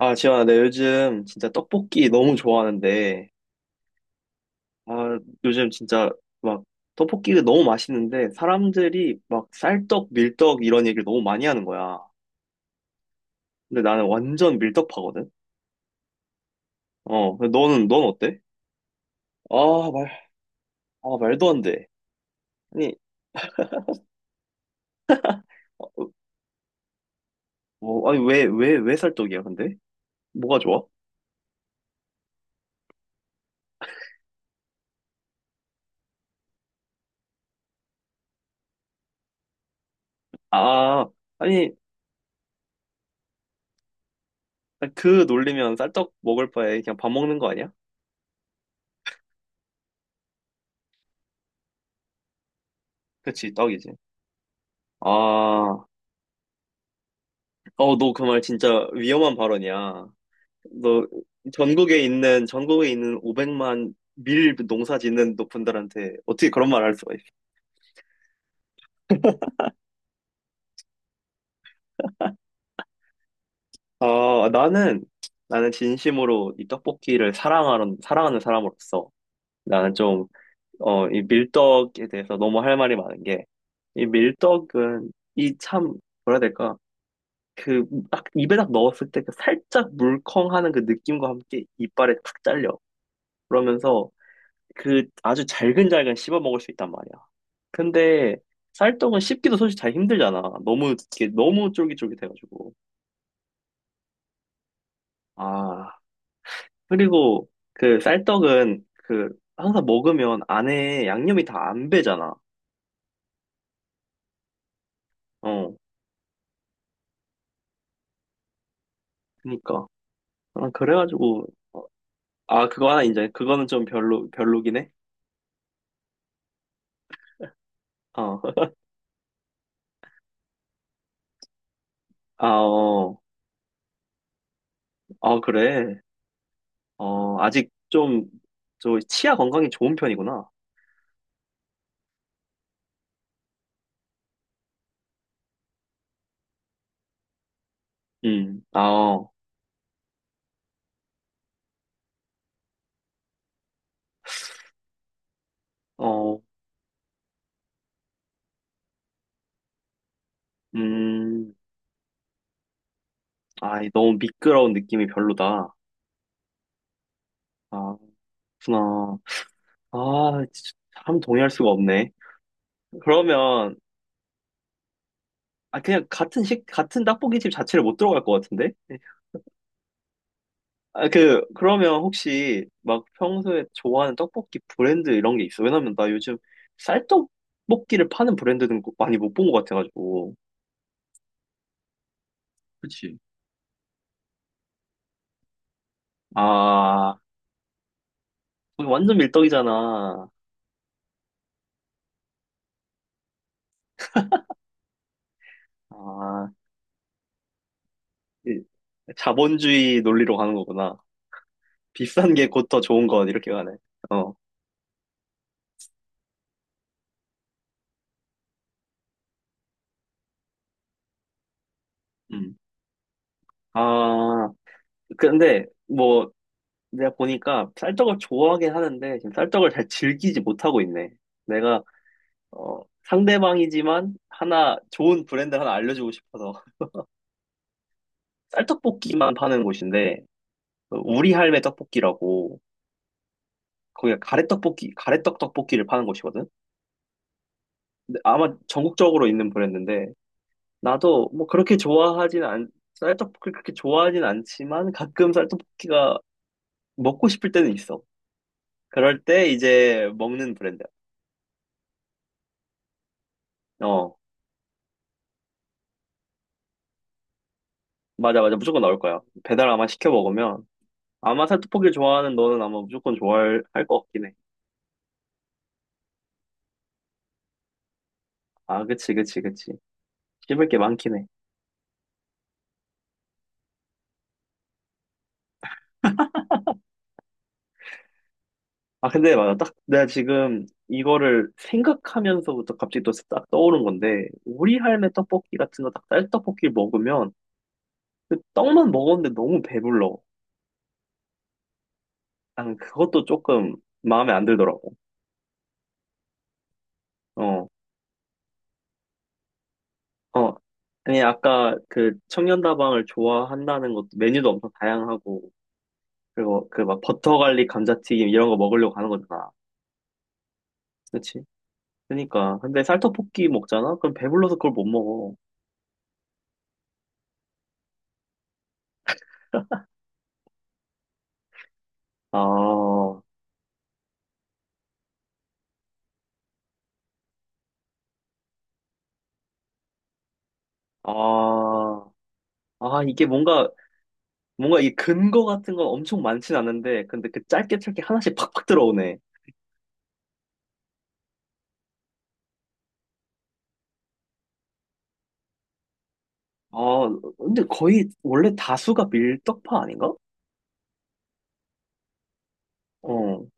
아, 지현아, 내 요즘 진짜 떡볶이 너무 좋아하는데, 아, 요즘 진짜 막 떡볶이가 너무 맛있는데, 사람들이 막 쌀떡, 밀떡 이런 얘기를 너무 많이 하는 거야. 근데 나는 완전 밀떡파거든? 어, 근데 넌 어때? 아, 말, 아, 말도 안 돼. 아니, 어, 뭐, 아니, 왜 쌀떡이야, 근데? 뭐가 좋아? 아, 아니, 그 놀리면 쌀떡 먹을 바에 그냥 밥 먹는 거 아니야? 그치, 떡이지. 아, 어, 너 그 말 진짜 위험한 발언이야. 너 전국에 있는 500만 밀 농사 짓는 너 분들한테 어떻게 그런 말 할 수가 있어? 아, 나는 진심으로 이 떡볶이를 사랑하는 사람으로서 나는 좀 이 밀떡에 대해서 너무 할 말이 많은 게, 이 밀떡은 이 참, 뭐라 해야 될까? 그 딱 입에 딱 넣었을 때 그 살짝 물컹하는 그 느낌과 함께 이빨에 탁 잘려. 그러면서 그 아주 잘근잘근 씹어 먹을 수 있단 말이야. 근데 쌀떡은 씹기도 솔직히 잘 힘들잖아. 너무 이게 너무 쫄깃쫄깃해가지고. 아, 그리고 그 쌀떡은 그 항상 먹으면 안에 양념이 다 안 배잖아. 어, 그니까, 아, 그래가지고, 어, 아, 그거 하나 인정해. 그거는 좀 별로 별로긴 해. 어. 아, 어, 아, 그래. 어, 아직 좀, 저, 치아 건강이 좋은 편이구나. 아, 어, 어, 음. 아, 너무 미끄러운 느낌이 별로다. 아, 그렇구나. 아, 진짜 참 동의할 수가 없네. 그러면, 아, 그냥 같은 떡볶이집 자체를 못 들어갈 것 같은데? 아, 그러면 혹시 막 평소에 좋아하는 떡볶이 브랜드 이런 게 있어? 왜냐면 나 요즘 쌀떡볶이를 파는 브랜드는 많이 못 본 것 같아가지고. 그치? 아, 거기 완전 밀떡이잖아. 아, 이- 자본주의 논리로 가는 거구나. 비싼 게 곧 더 좋은 건 이렇게 가네. 어. 음. 아, 근데 뭐, 내가 보니까 쌀떡을 좋아하긴 하는데 지금 쌀떡을 잘 즐기지 못하고 있네. 내가 어, 상대방이지만 하나 좋은 브랜드 하나 알려주고 싶어서. 쌀떡볶이만 파는 곳인데, 어, 우리 할매 떡볶이라고, 거기가 가래떡볶이, 가래떡 떡볶이를 파는 곳이거든. 근데 아마 전국적으로 있는 브랜드인데, 나도 뭐 그렇게 좋아하진 않, 쌀떡볶이 그렇게 좋아하진 않지만 가끔 쌀떡볶이가 먹고 싶을 때는 있어. 그럴 때 이제 먹는 브랜드. 어, 맞아, 맞아. 무조건 나올 거야. 배달 아마 시켜 먹으면. 아마 살떡볶이 좋아하는 너는 아마 무조건 좋아할 것 같긴 해. 아, 그치, 그치, 그치. 씹을 게 많긴 해. 아, 근데 맞아. 딱 내가 지금 이거를 생각하면서부터 갑자기 또 딱 떠오른 건데, 우리 할매 떡볶이 같은 거 딱 쌀떡볶이 먹으면 그 떡만 먹었는데 너무 배불러. 나는 그것도 조금 마음에 안 들더라고. 어, 어. 아니, 아까 그 청년다방을 좋아한다는 것도 메뉴도 엄청 다양하고, 그리고 그 막 버터 갈릭 감자튀김 이런 거 먹으려고 가는 거잖아. 그치? 그니까. 근데 쌀떡볶이 먹잖아? 그럼 배불러서 그걸 못 먹어. 아, 아, 아, 이게 뭔가, 이 근거 같은 건 엄청 많진 않은데, 근데 그 짧게 짧게 하나씩 팍팍 들어오네. 아, 근데 거의 원래 다수가 밀떡파 아닌가? 어,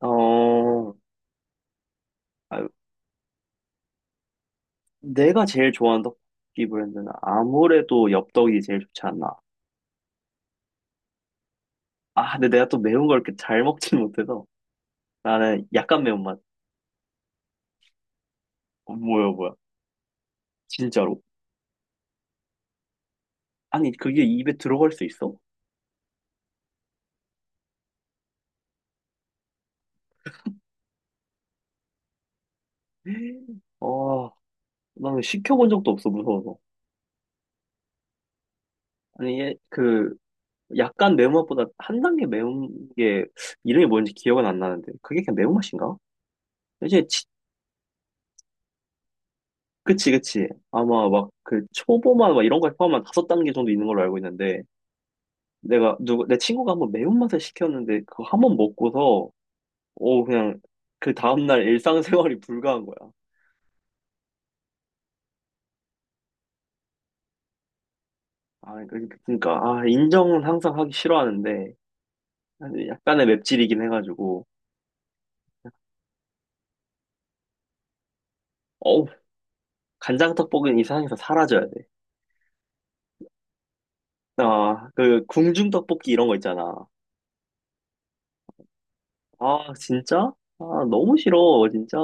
어, 아, 내가 제일 좋아하는 떡볶이 브랜드는 아무래도 엽떡이 제일 좋지 않나. 아, 근데 내가 또 매운 걸 이렇게 잘 먹지는 못해서 나는 약간 매운맛. 어, 뭐야, 뭐야. 진짜로? 아니, 그게 입에 들어갈 수 있어? 어, 나는 시켜본 적도 없어, 무서워서. 아니, 얘, 그, 약간 매운맛보다 한 단계 매운 게 이름이 뭔지 기억은 안 나는데. 그게 그냥 매운맛인가? 이제, 그치, 그치. 아마 막 그 초보만 막 이런 거에 포함한 다섯 단계 정도 있는 걸로 알고 있는데. 내가 누구 내 친구가 한번 매운맛을 시켰는데 그거 한 번 먹고서, 어, 그냥 그 다음날 일상생활이 불가한 거야. 아, 그러니까, 아, 인정은 항상 하기 싫어하는데 약간의 맵찔이긴 해가지고. 어우, 간장 떡볶이는 이 세상에서 사라져야 돼. 아, 그 궁중 떡볶이 이런 거 있잖아. 아, 진짜? 아, 너무 싫어 진짜.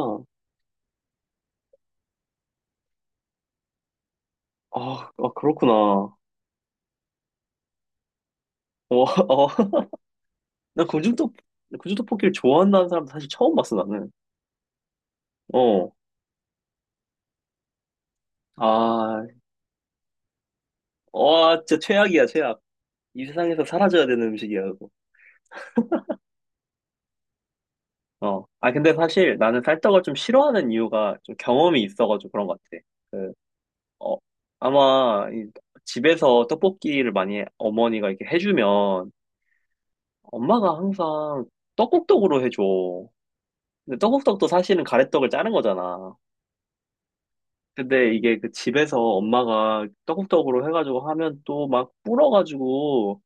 아, 아, 그렇구나. 어. 어, 나 궁중 떡 궁중 떡볶이를 좋아한다는 사람 사실 처음 봤어 나는. 어. 아, 와, 진짜 최악이야, 최악. 이 세상에서 사라져야 되는 음식이야, 그거. 어. 아, 근데 사실 나는 쌀떡을 좀 싫어하는 이유가 좀 경험이 있어가지고 그런 것 같아. 그, 어, 아마 이 집에서 떡볶이를 많이 어머니가 이렇게 해주면, 엄마가 항상 떡국떡으로 해줘. 근데 떡국떡도 사실은 가래떡을 짜는 거잖아. 근데 이게 그 집에서 엄마가 떡국떡으로 해가지고 하면 또 막 불어가지고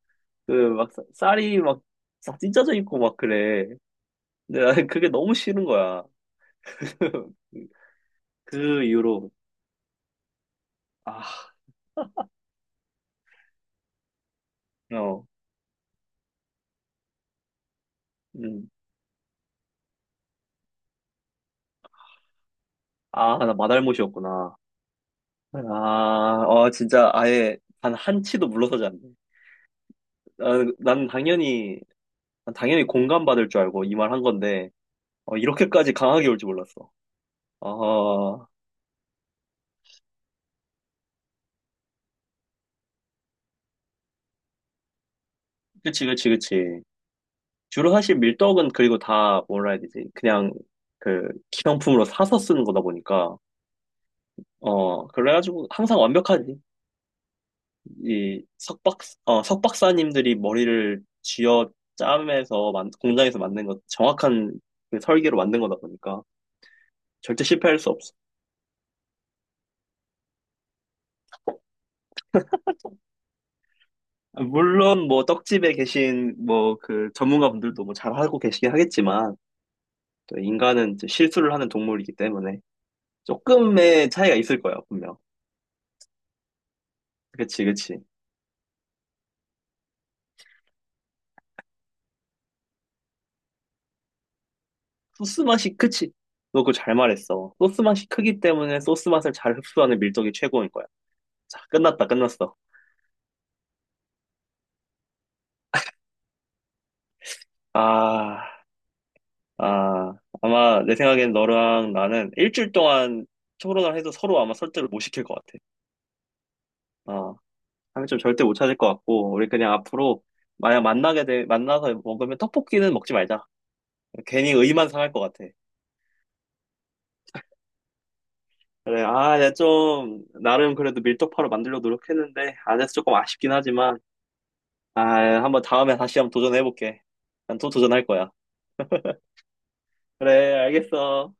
그 막 쌀이 막 싹 찢어져 있고 막 그래. 근데 나는 그게 너무 싫은 거야. 그 이후로, 아, 어, 음. 아, 나 마달못이었구나. 아, 어, 진짜 아예 단 한 치도 물러서지 않네. 나는, 난 당연히, 난 당연히 공감받을 줄 알고 이 말 한 건데, 어, 이렇게까지 강하게 올 줄 몰랐어. 아, 그치, 그치, 그치. 주로 사실 밀떡은, 그리고 다 뭐라 해야 되지? 그냥 그 기성품으로 사서 쓰는 거다 보니까, 어, 그래가지고 항상 완벽하지. 이 석박, 석박사님들이 머리를 쥐어 짜면서, 공장에서 만든 것, 정확한 그 설계로 만든 거다 보니까 절대 실패할 수 없어. 아, 물론 뭐 떡집에 계신 뭐 그 전문가분들도 뭐 잘하고 계시긴 하겠지만, 또 인간은 이제 실수를 하는 동물이기 때문에 조금의 차이가 있을 거야, 분명. 그치, 그치. 소스 맛이 크지. 너 그거 잘 말했어. 소스 맛이 크기 때문에 소스 맛을 잘 흡수하는 밀떡이 최고인 거야. 자, 끝났다, 끝났어. 아. 아, 아마 내 생각엔 너랑 나는 일주일 동안 토론을 해도 서로 아마 설득을 못 시킬 것 같아. 아, 한점 절대 못 찾을 것 같고, 우리 그냥 앞으로 만약 만나게 돼, 만나서 먹으면 떡볶이는 먹지 말자. 괜히 의만 상할 것 같아. 그래, 아, 내가 좀, 나름 그래도 밀떡파로 만들려고 노력했는데, 안 돼서 조금 아쉽긴 하지만, 아, 한번 다음에 다시 한번 도전해볼게. 난 또 도전할 거야. 그래, 알겠어.